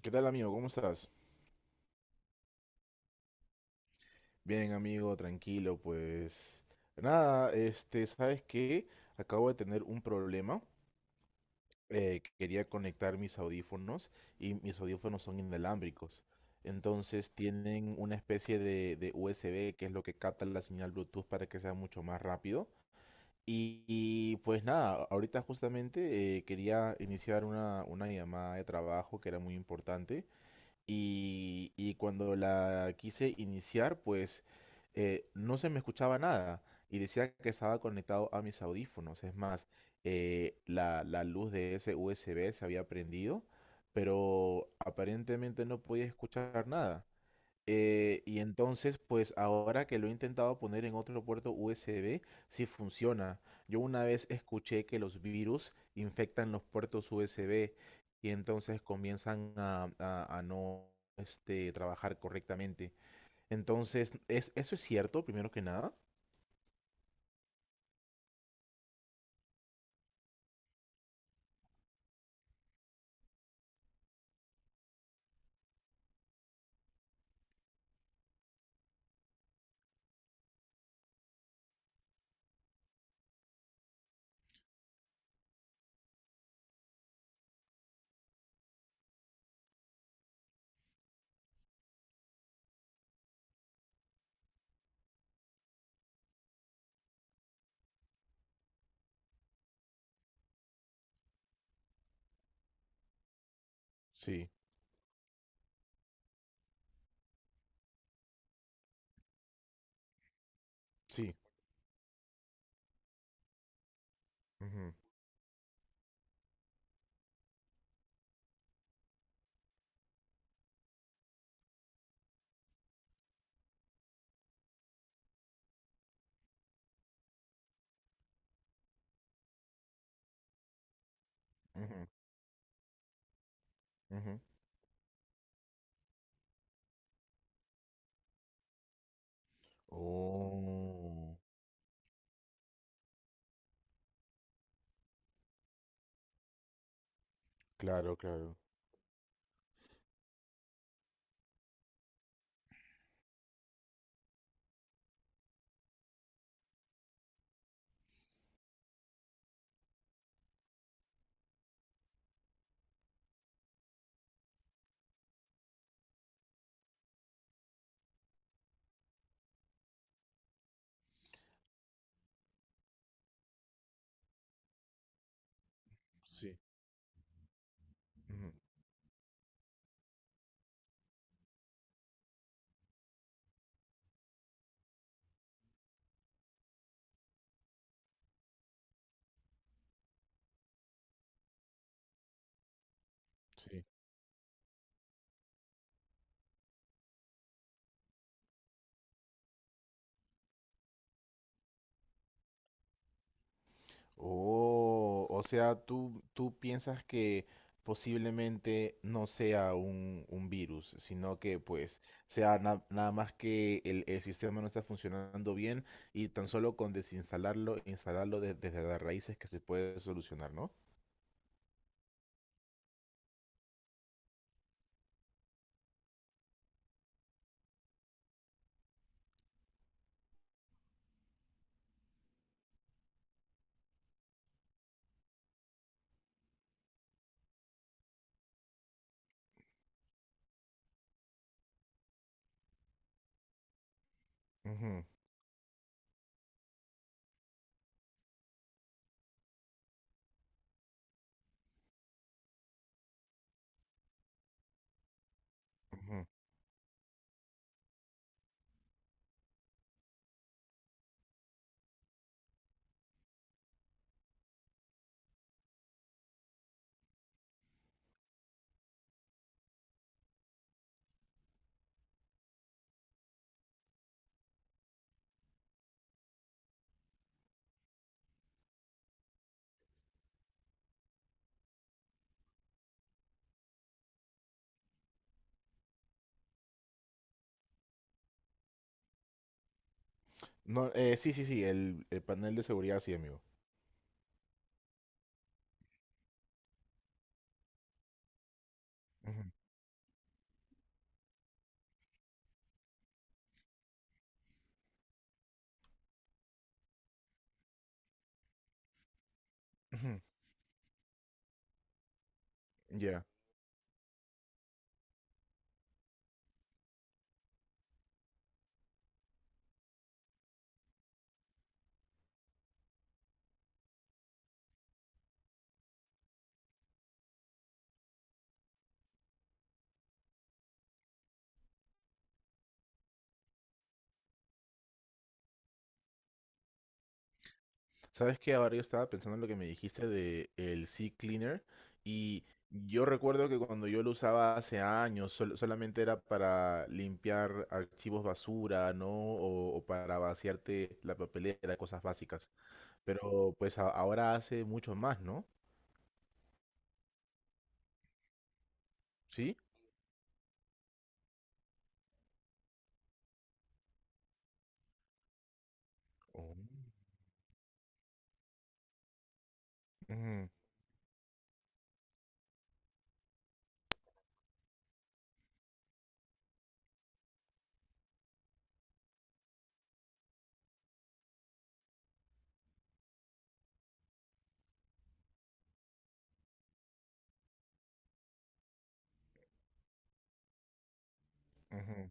¿Qué tal, amigo? ¿Cómo estás? Bien, amigo, tranquilo, pues nada, este, ¿sabes qué? Acabo de tener un problema. Que quería conectar mis audífonos y mis audífonos son inalámbricos. Entonces tienen una especie de USB, que es lo que capta la señal Bluetooth para que sea mucho más rápido. Pues nada, ahorita justamente quería iniciar una llamada de trabajo que era muy importante y cuando la quise iniciar, pues no se me escuchaba nada y decía que estaba conectado a mis audífonos. Es más, la luz de ese USB se había prendido, pero aparentemente no podía escuchar nada. Y entonces, pues ahora que lo he intentado poner en otro puerto USB, sí funciona. Yo una vez escuché que los virus infectan los puertos USB y entonces comienzan a no, este, trabajar correctamente. Entonces, ¿ eso es cierto, primero que nada? Sí, sí. Ujú, ujú, ujú. Oh, claro, claro. Sí, ujú, sí. Oh, o sea, tú piensas que posiblemente no sea un virus, sino que pues sea nada más que el sistema no está funcionando bien y tan solo con desinstalarlo, instalarlo desde las raíces, que se puede solucionar, ¿no? Ujú, ujú. No, sí, sí, sí, el panel de seguridad, sí, amigo. Ujú, ujú, ya. Sabes que ahora yo estaba pensando en lo que me dijiste de el Sea Cleaner, y yo recuerdo que cuando yo lo usaba hace años solamente era para limpiar archivos basura, ¿no? O para vaciarte la papelera, cosas básicas. Pero pues ahora hace mucho más, ¿no? ¿Sí? Oh. Ujú, ujú.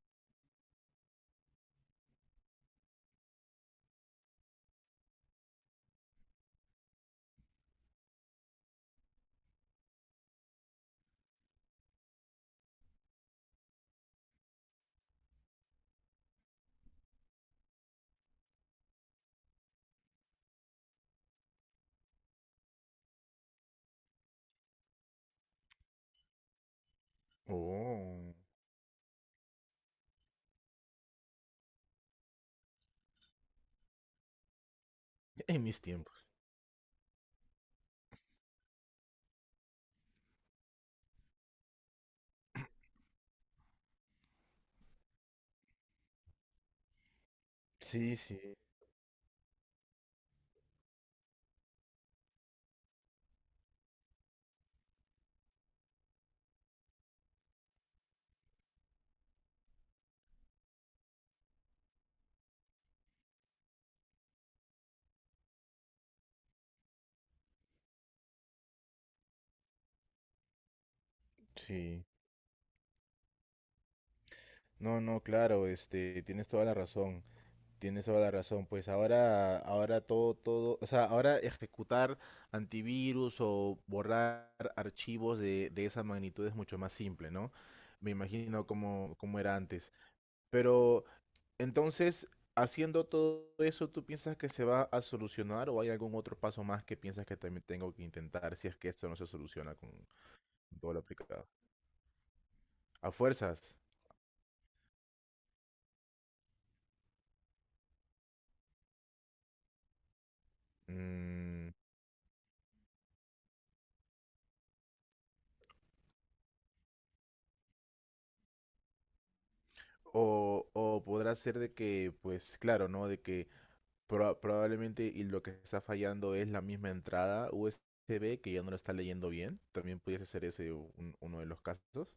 Oh. En mis tiempos. Sí, sí, sí. No, no, claro, este, tienes toda la razón. Tienes toda la razón, pues ahora, ahora todo, todo, o sea, ahora ejecutar antivirus o borrar archivos de esa magnitud es mucho más simple, ¿no? Me imagino cómo, cómo era antes. Pero entonces, haciendo todo eso, ¿tú piensas que se va a solucionar o hay algún otro paso más que piensas que también tengo que intentar si es que esto no se soluciona con todo lo aplicado? A fuerzas. Mm, o podrá ser de que, pues claro, ¿no? De que probablemente y lo que está fallando es la misma entrada USB, que ya no lo está leyendo bien. También pudiese ser ese uno de los casos.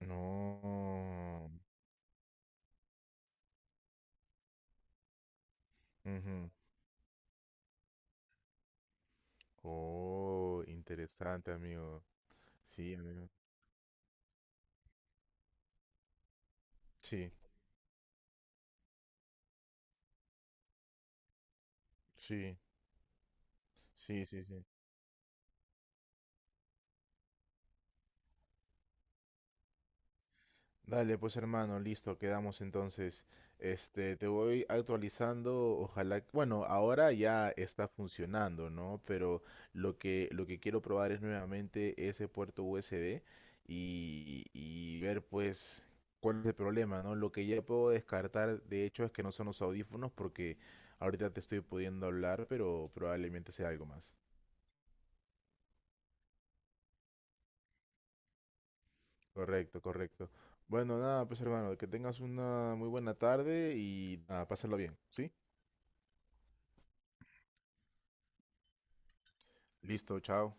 No. Ujú. Oh, interesante, amigo. Sí, amigo. Sí, sí, sí, sí, sí. Dale, pues hermano, listo, quedamos entonces. Este, te voy actualizando, ojalá, bueno, ahora ya está funcionando, ¿no? Pero lo que quiero probar es nuevamente ese puerto USB y ver pues cuál es el problema, ¿no? Lo que ya puedo descartar, de hecho, es que no son los audífonos porque ahorita te estoy pudiendo hablar, pero probablemente sea algo más. Correcto, correcto. Bueno, nada, pues hermano, que tengas una muy buena tarde y nada, pásalo bien, ¿sí? Listo, chao.